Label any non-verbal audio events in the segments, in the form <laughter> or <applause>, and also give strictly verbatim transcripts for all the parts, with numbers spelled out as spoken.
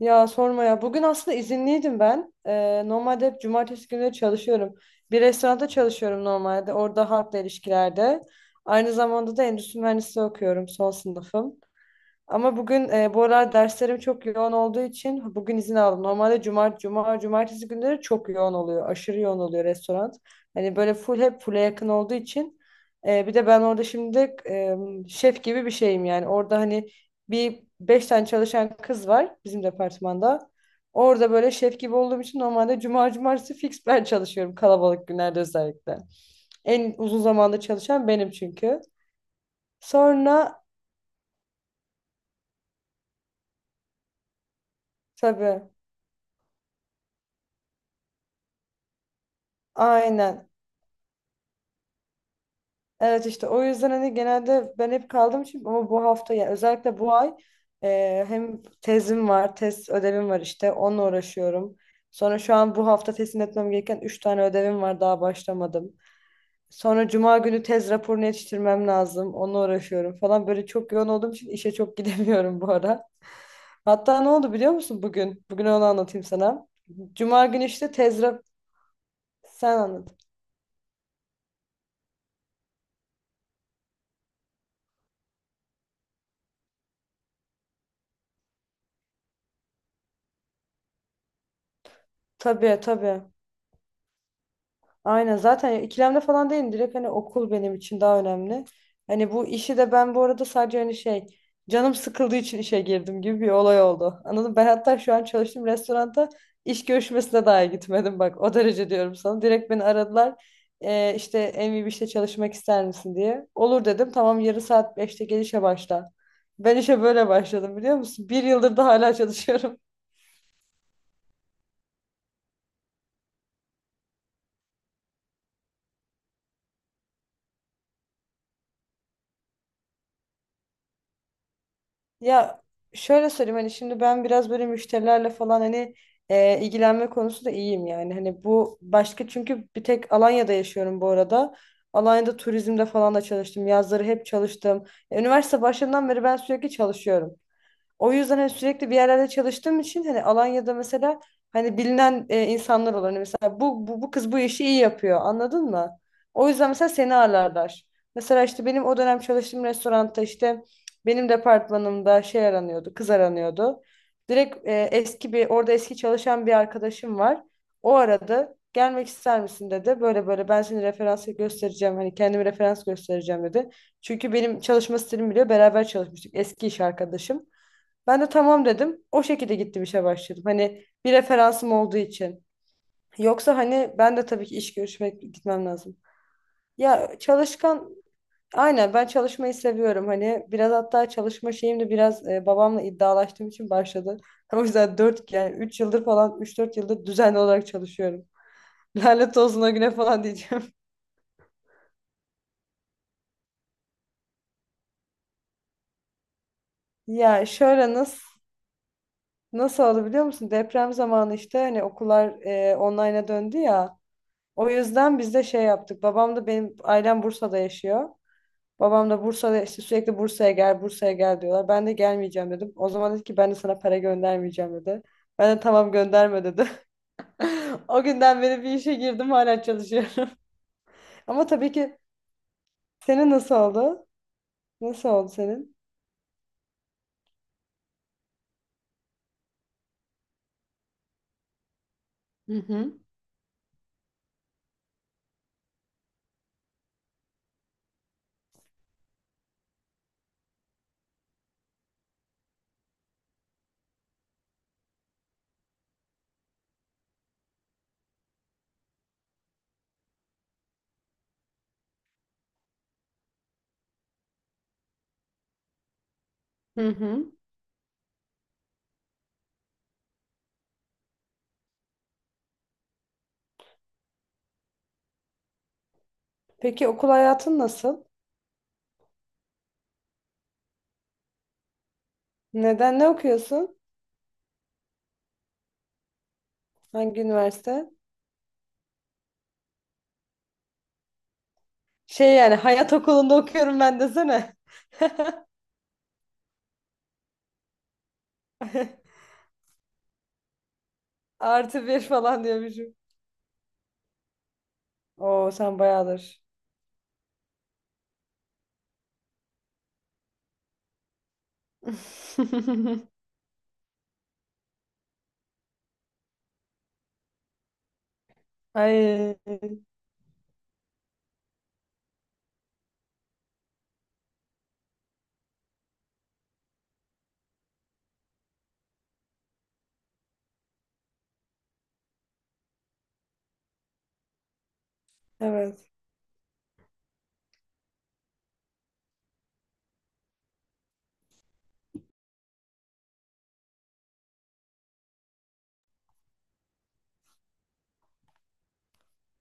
Ya sorma ya. Bugün aslında izinliydim ben. Ee, normalde hep cumartesi günleri çalışıyorum. Bir restoranda çalışıyorum normalde. Orada halkla ilişkilerde. Aynı zamanda da endüstri mühendisliği okuyorum. Son sınıfım. Ama bugün e, bu aralar derslerim çok yoğun olduğu için bugün izin aldım. Normalde cumart, cuma, cumartesi günleri çok yoğun oluyor. Aşırı yoğun oluyor restoran. Hani böyle full hep full'e yakın olduğu için. E, bir de ben orada şimdi e, şef gibi bir şeyim yani. Orada hani bir beş tane çalışan kız var bizim departmanda. Orada böyle şef gibi olduğum için normalde cuma, cumartesi fix ben çalışıyorum kalabalık günlerde özellikle. En uzun zamanda çalışan benim çünkü. Sonra tabii. Aynen. Evet, işte o yüzden hani genelde ben hep kaldım çünkü, ama bu hafta yani özellikle bu ay e, hem tezim var, tez ödevim var, işte onunla uğraşıyorum. Sonra şu an bu hafta teslim etmem gereken üç tane ödevim var, daha başlamadım. Sonra cuma günü tez raporunu yetiştirmem lazım. Onunla uğraşıyorum falan. Böyle çok yoğun olduğum için işe çok <laughs> gidemiyorum bu ara. Hatta ne oldu biliyor musun bugün? Bugün onu anlatayım sana. Cuma günü işte tez rap... Sen anlat. Tabii, tabii. Aynen, zaten ikilemde falan değilim, direkt hani okul benim için daha önemli. Hani bu işi de ben bu arada sadece hani şey, canım sıkıldığı için işe girdim gibi bir olay oldu. Anladım ben, hatta şu an çalıştığım restoranda iş görüşmesine dahi gitmedim, bak o derece diyorum sana. Direkt beni aradılar, "Ee, işte en iyi bir işte çalışmak ister misin" diye. Olur dedim, tamam, yarın saat beşte gel işe başla. Ben işe böyle başladım biliyor musun? Bir yıldır da hala çalışıyorum. Ya şöyle söyleyeyim, hani şimdi ben biraz böyle müşterilerle falan hani e, ilgilenme konusunda iyiyim yani. Hani bu başka çünkü, bir tek Alanya'da yaşıyorum bu arada. Alanya'da turizmde falan da çalıştım. Yazları hep çalıştım. E, Üniversite başından beri ben sürekli çalışıyorum. O yüzden hani sürekli bir yerlerde çalıştığım için hani Alanya'da mesela hani bilinen e, insanlar olan, hani mesela bu, bu bu kız bu işi iyi yapıyor, anladın mı? O yüzden mesela seni ağırlarlar. Mesela işte benim o dönem çalıştığım restoranda, işte benim departmanımda şey aranıyordu, kız aranıyordu. Direkt e, eski bir orada eski çalışan bir arkadaşım var. O aradı. Gelmek ister misin dedi. Böyle böyle ben seni referans göstereceğim. Hani kendimi referans göstereceğim dedi. Çünkü benim çalışma stilimi biliyor. Beraber çalışmıştık. Eski iş arkadaşım. Ben de tamam dedim. O şekilde gittim işe başladım. Hani bir referansım olduğu için. Yoksa hani ben de tabii ki iş görüşmek gitmem lazım. Ya çalışkan, aynen, ben çalışmayı seviyorum. Hani biraz hatta çalışma şeyim de biraz e, babamla iddialaştığım için başladı. <laughs> O yüzden dört yani üç yıldır falan, üç dört yıldır düzenli olarak çalışıyorum. <laughs> Lanet olsun o güne falan diyeceğim. <laughs> Ya şöyle nasıl nasıl oldu biliyor musun? Deprem zamanı, işte hani okullar e, online'a döndü ya. O yüzden biz de şey yaptık. Babam da, benim ailem Bursa'da yaşıyor. Babam da Bursa'da, işte sürekli Bursa'ya gel, Bursa'ya gel diyorlar. Ben de gelmeyeceğim dedim. O zaman dedi ki, ben de sana para göndermeyeceğim dedi. Ben de tamam gönderme dedi. <laughs> O günden beri bir işe girdim, hala çalışıyorum. <laughs> Ama tabii ki, senin nasıl oldu? Nasıl oldu senin? Hı hı. Hı hı. Peki okul hayatın nasıl? Neden, ne okuyorsun? Hangi üniversite? Şey, yani hayat okulunda okuyorum ben desene. <laughs> Artı bir falan diyormuşum. Oo, sen bayağıdır. <laughs> Ay, evet.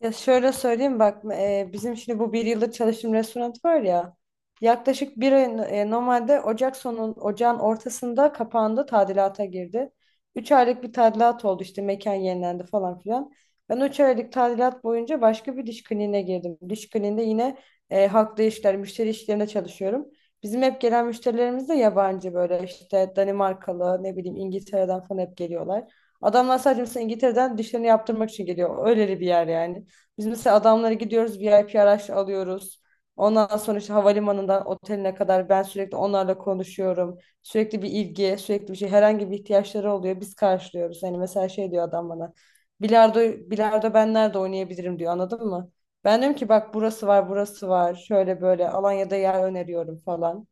Ya şöyle söyleyeyim bak e, bizim şimdi bu bir yıldır çalıştığım restoran var ya, yaklaşık bir ay e, normalde Ocak sonu, ocağın ortasında kapandı, tadilata girdi. Üç aylık bir tadilat oldu, işte mekan yenilendi falan filan. Ben üç aylık tadilat boyunca başka bir diş kliniğine girdim. Diş kliniğinde yine e, halkla işler, müşteri işlerinde çalışıyorum. Bizim hep gelen müşterilerimiz de yabancı, böyle işte Danimarkalı, ne bileyim İngiltere'den falan hep geliyorlar. Adamlar sadece mesela İngiltere'den dişlerini yaptırmak için geliyor. Öyle bir yer yani. Biz mesela adamlara gidiyoruz, V I P araç alıyoruz. Ondan sonra işte havalimanından oteline kadar ben sürekli onlarla konuşuyorum. Sürekli bir ilgi, sürekli bir şey, herhangi bir ihtiyaçları oluyor. Biz karşılıyoruz. Hani mesela şey diyor adam bana. Bilardo, bilardo ben nerede oynayabilirim diyor, anladın mı? Ben diyorum ki, bak burası var, burası var. Şöyle böyle Alanya'da yer öneriyorum falan.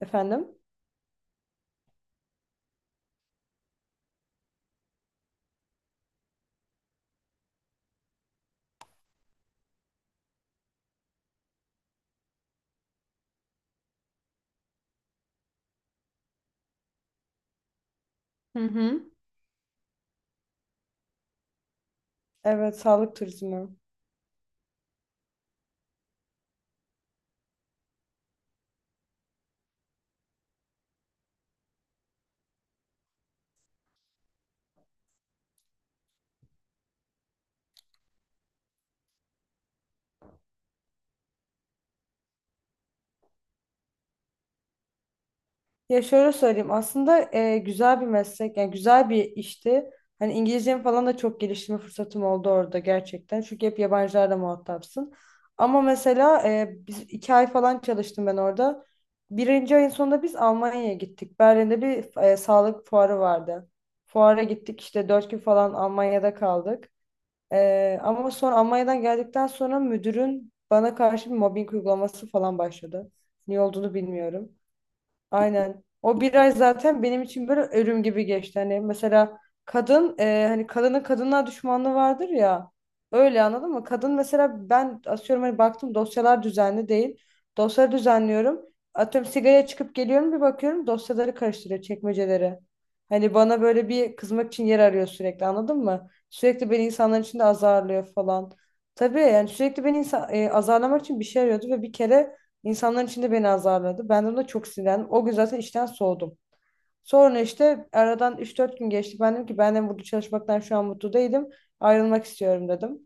Efendim? Hı hı. Evet, sağlık turizmi. Ya şöyle söyleyeyim, aslında e, güzel bir meslek, yani güzel bir işti. Hani İngilizcemi falan da çok geliştirme fırsatım oldu orada, gerçekten. Çünkü hep yabancılarla muhatapsın. Ama mesela e, biz iki ay falan çalıştım ben orada. Birinci ayın sonunda biz Almanya'ya gittik. Berlin'de bir e, sağlık fuarı vardı. Fuara gittik, işte dört gün falan Almanya'da kaldık. E, ama sonra Almanya'dan geldikten sonra müdürün bana karşı bir mobbing uygulaması falan başladı. Niye olduğunu bilmiyorum. Aynen. O bir ay zaten benim için böyle ölüm gibi geçti. Hani mesela kadın, e, hani kadının, kadınlar düşmanlığı vardır ya. Öyle, anladın mı? Kadın mesela, ben asıyorum hani, baktım dosyalar düzenli değil. Dosyaları düzenliyorum. Atıyorum sigaraya çıkıp geliyorum, bir bakıyorum dosyaları karıştırıyor, çekmeceleri. Hani bana böyle bir kızmak için yer arıyor sürekli, anladın mı? Sürekli beni insanların içinde azarlıyor falan. Tabii yani, sürekli beni insan, e, azarlamak için bir şey arıyordu ve bir kere İnsanların içinde beni azarladı. Ben de ona çok sinirlendim. O gün zaten işten soğudum. Sonra işte aradan üç dört gün geçti. Ben dedim ki, ben de burada çalışmaktan şu an mutlu değilim. Ayrılmak istiyorum dedim.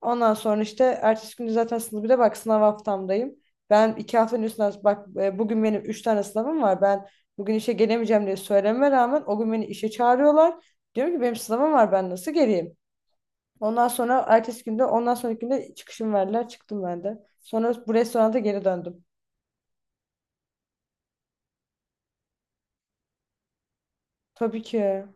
Ondan sonra işte ertesi günü, zaten sınıf, bir de bak, sınav haftamdayım. Ben iki haftanın üstünden, bak e, bugün benim üç tane sınavım var. Ben bugün işe gelemeyeceğim diye söylememe rağmen o gün beni işe çağırıyorlar. Diyorum ki, benim sınavım var, ben nasıl geleyim? Ondan sonra ertesi günde, ondan sonraki günde çıkışım verdiler, çıktım ben de. Sonra bu restoranda geri döndüm. Tabii ki.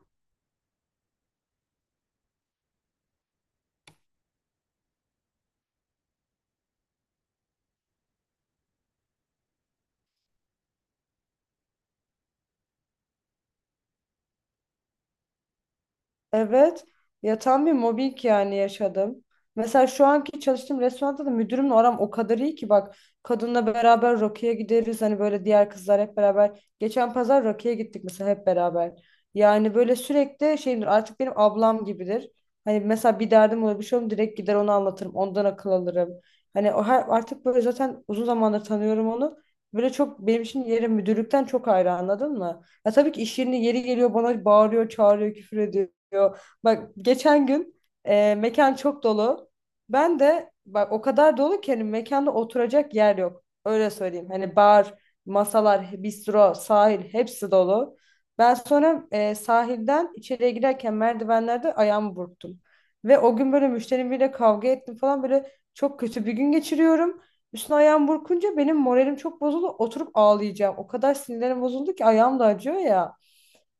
Evet. Ya tam bir mobbing yani yaşadım. Mesela şu anki çalıştığım restoranda da müdürümle aram o kadar iyi ki bak, kadınla beraber Rocky'ye gideriz. Hani böyle diğer kızlar hep beraber. Geçen pazar Rocky'ye gittik mesela hep beraber. Yani böyle sürekli şeyimdir artık, benim ablam gibidir. Hani mesela bir derdim olur, bir şey olur, direkt gider onu anlatırım. Ondan akıl alırım. Hani o her, artık böyle zaten uzun zamandır tanıyorum onu. Böyle çok benim için yeri müdürlükten çok ayrı, anladın mı? Ya tabii ki iş yerinde yeri geliyor bana bağırıyor, çağırıyor, küfür ediyor diyor. Bak geçen gün e, mekan çok dolu. Ben de, bak o kadar dolu ki, hani mekanda oturacak yer yok, öyle söyleyeyim. Hani bar, masalar, bistro, sahil hepsi dolu. Ben sonra e, sahilden içeriye girerken merdivenlerde ayağımı burktum. Ve o gün böyle müşterim biriyle kavga ettim falan, böyle çok kötü bir gün geçiriyorum. Üstüne ayağım burkunca benim moralim çok bozuldu. Oturup ağlayacağım. O kadar sinirlerim bozuldu ki, ayağım da acıyor ya.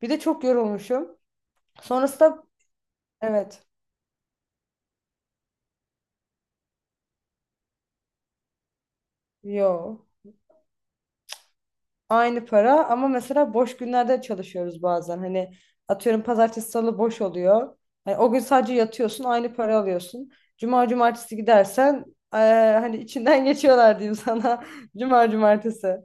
Bir de çok yorulmuşum. Sonrasında. Evet. Yo. Aynı para ama mesela boş günlerde çalışıyoruz bazen. Hani atıyorum pazartesi salı boş oluyor. Hani o gün sadece yatıyorsun, aynı para alıyorsun. Cuma cumartesi gidersen eee, hani içinden <laughs> geçiyorlar diyeyim sana. <laughs> Cuma cumartesi.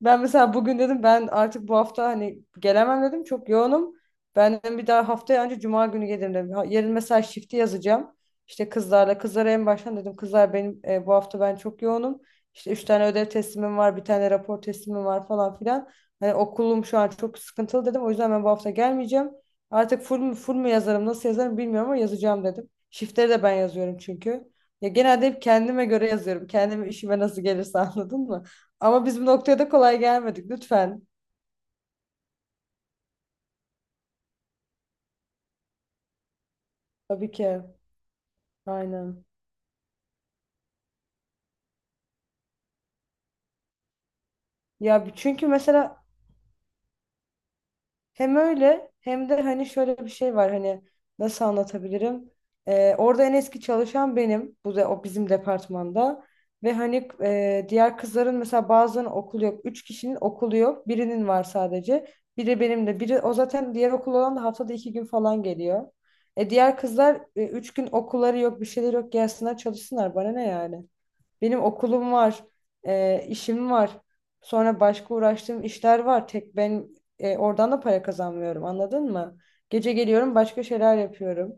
Ben mesela bugün dedim, ben artık bu hafta hani gelemem dedim, çok yoğunum. Ben dedim bir daha haftaya, önce cuma günü gelirim dedim. Ha- Yarın mesela shift'i yazacağım. İşte kızlarla kızlara en baştan dedim, kızlar benim e, bu hafta ben çok yoğunum. İşte üç tane ödev teslimim var, bir tane rapor teslimim var falan filan. Hani okulum şu an çok sıkıntılı dedim. O yüzden ben bu hafta gelmeyeceğim. Artık full mü, full mu yazarım, nasıl yazarım bilmiyorum, ama yazacağım dedim. Shift'leri de ben yazıyorum çünkü. Ya genelde hep kendime göre yazıyorum. Kendime, işime nasıl gelirse, <laughs> anladın mı? Ama biz bu noktaya da kolay gelmedik lütfen. Tabii ki. Aynen. Ya çünkü mesela, hem öyle hem de hani şöyle bir şey var, hani nasıl anlatabilirim? Ee, orada en eski çalışan benim. Bu da o bizim departmanda. Ve hani e, diğer kızların mesela bazılarının okulu yok. Üç kişinin okulu yok. Birinin var sadece. Biri benim de. Biri o, zaten diğer okul olan da haftada iki gün falan geliyor. E, diğer kızlar, e, üç gün okulları yok, bir şeyleri yok. Gelsinler çalışsınlar, bana ne yani? Benim okulum var, e, işim var. Sonra başka uğraştığım işler var. Tek ben e, oradan da para kazanmıyorum, anladın mı? Gece geliyorum, başka şeyler yapıyorum.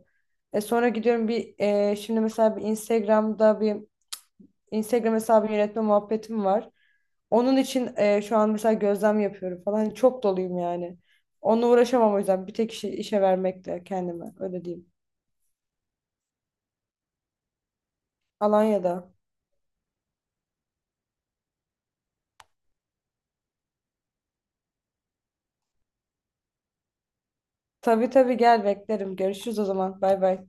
E, sonra gidiyorum bir e, şimdi mesela bir Instagram'da bir Instagram hesabı yönetme muhabbetim var. Onun için e, şu an mesela gözlem yapıyorum falan. Hani çok doluyum yani. Onunla uğraşamam, o yüzden bir tek işi, işe vermekle kendime, öyle diyeyim. Alanya'da. Tabii, tabii, gel beklerim. Görüşürüz o zaman. Bay bay.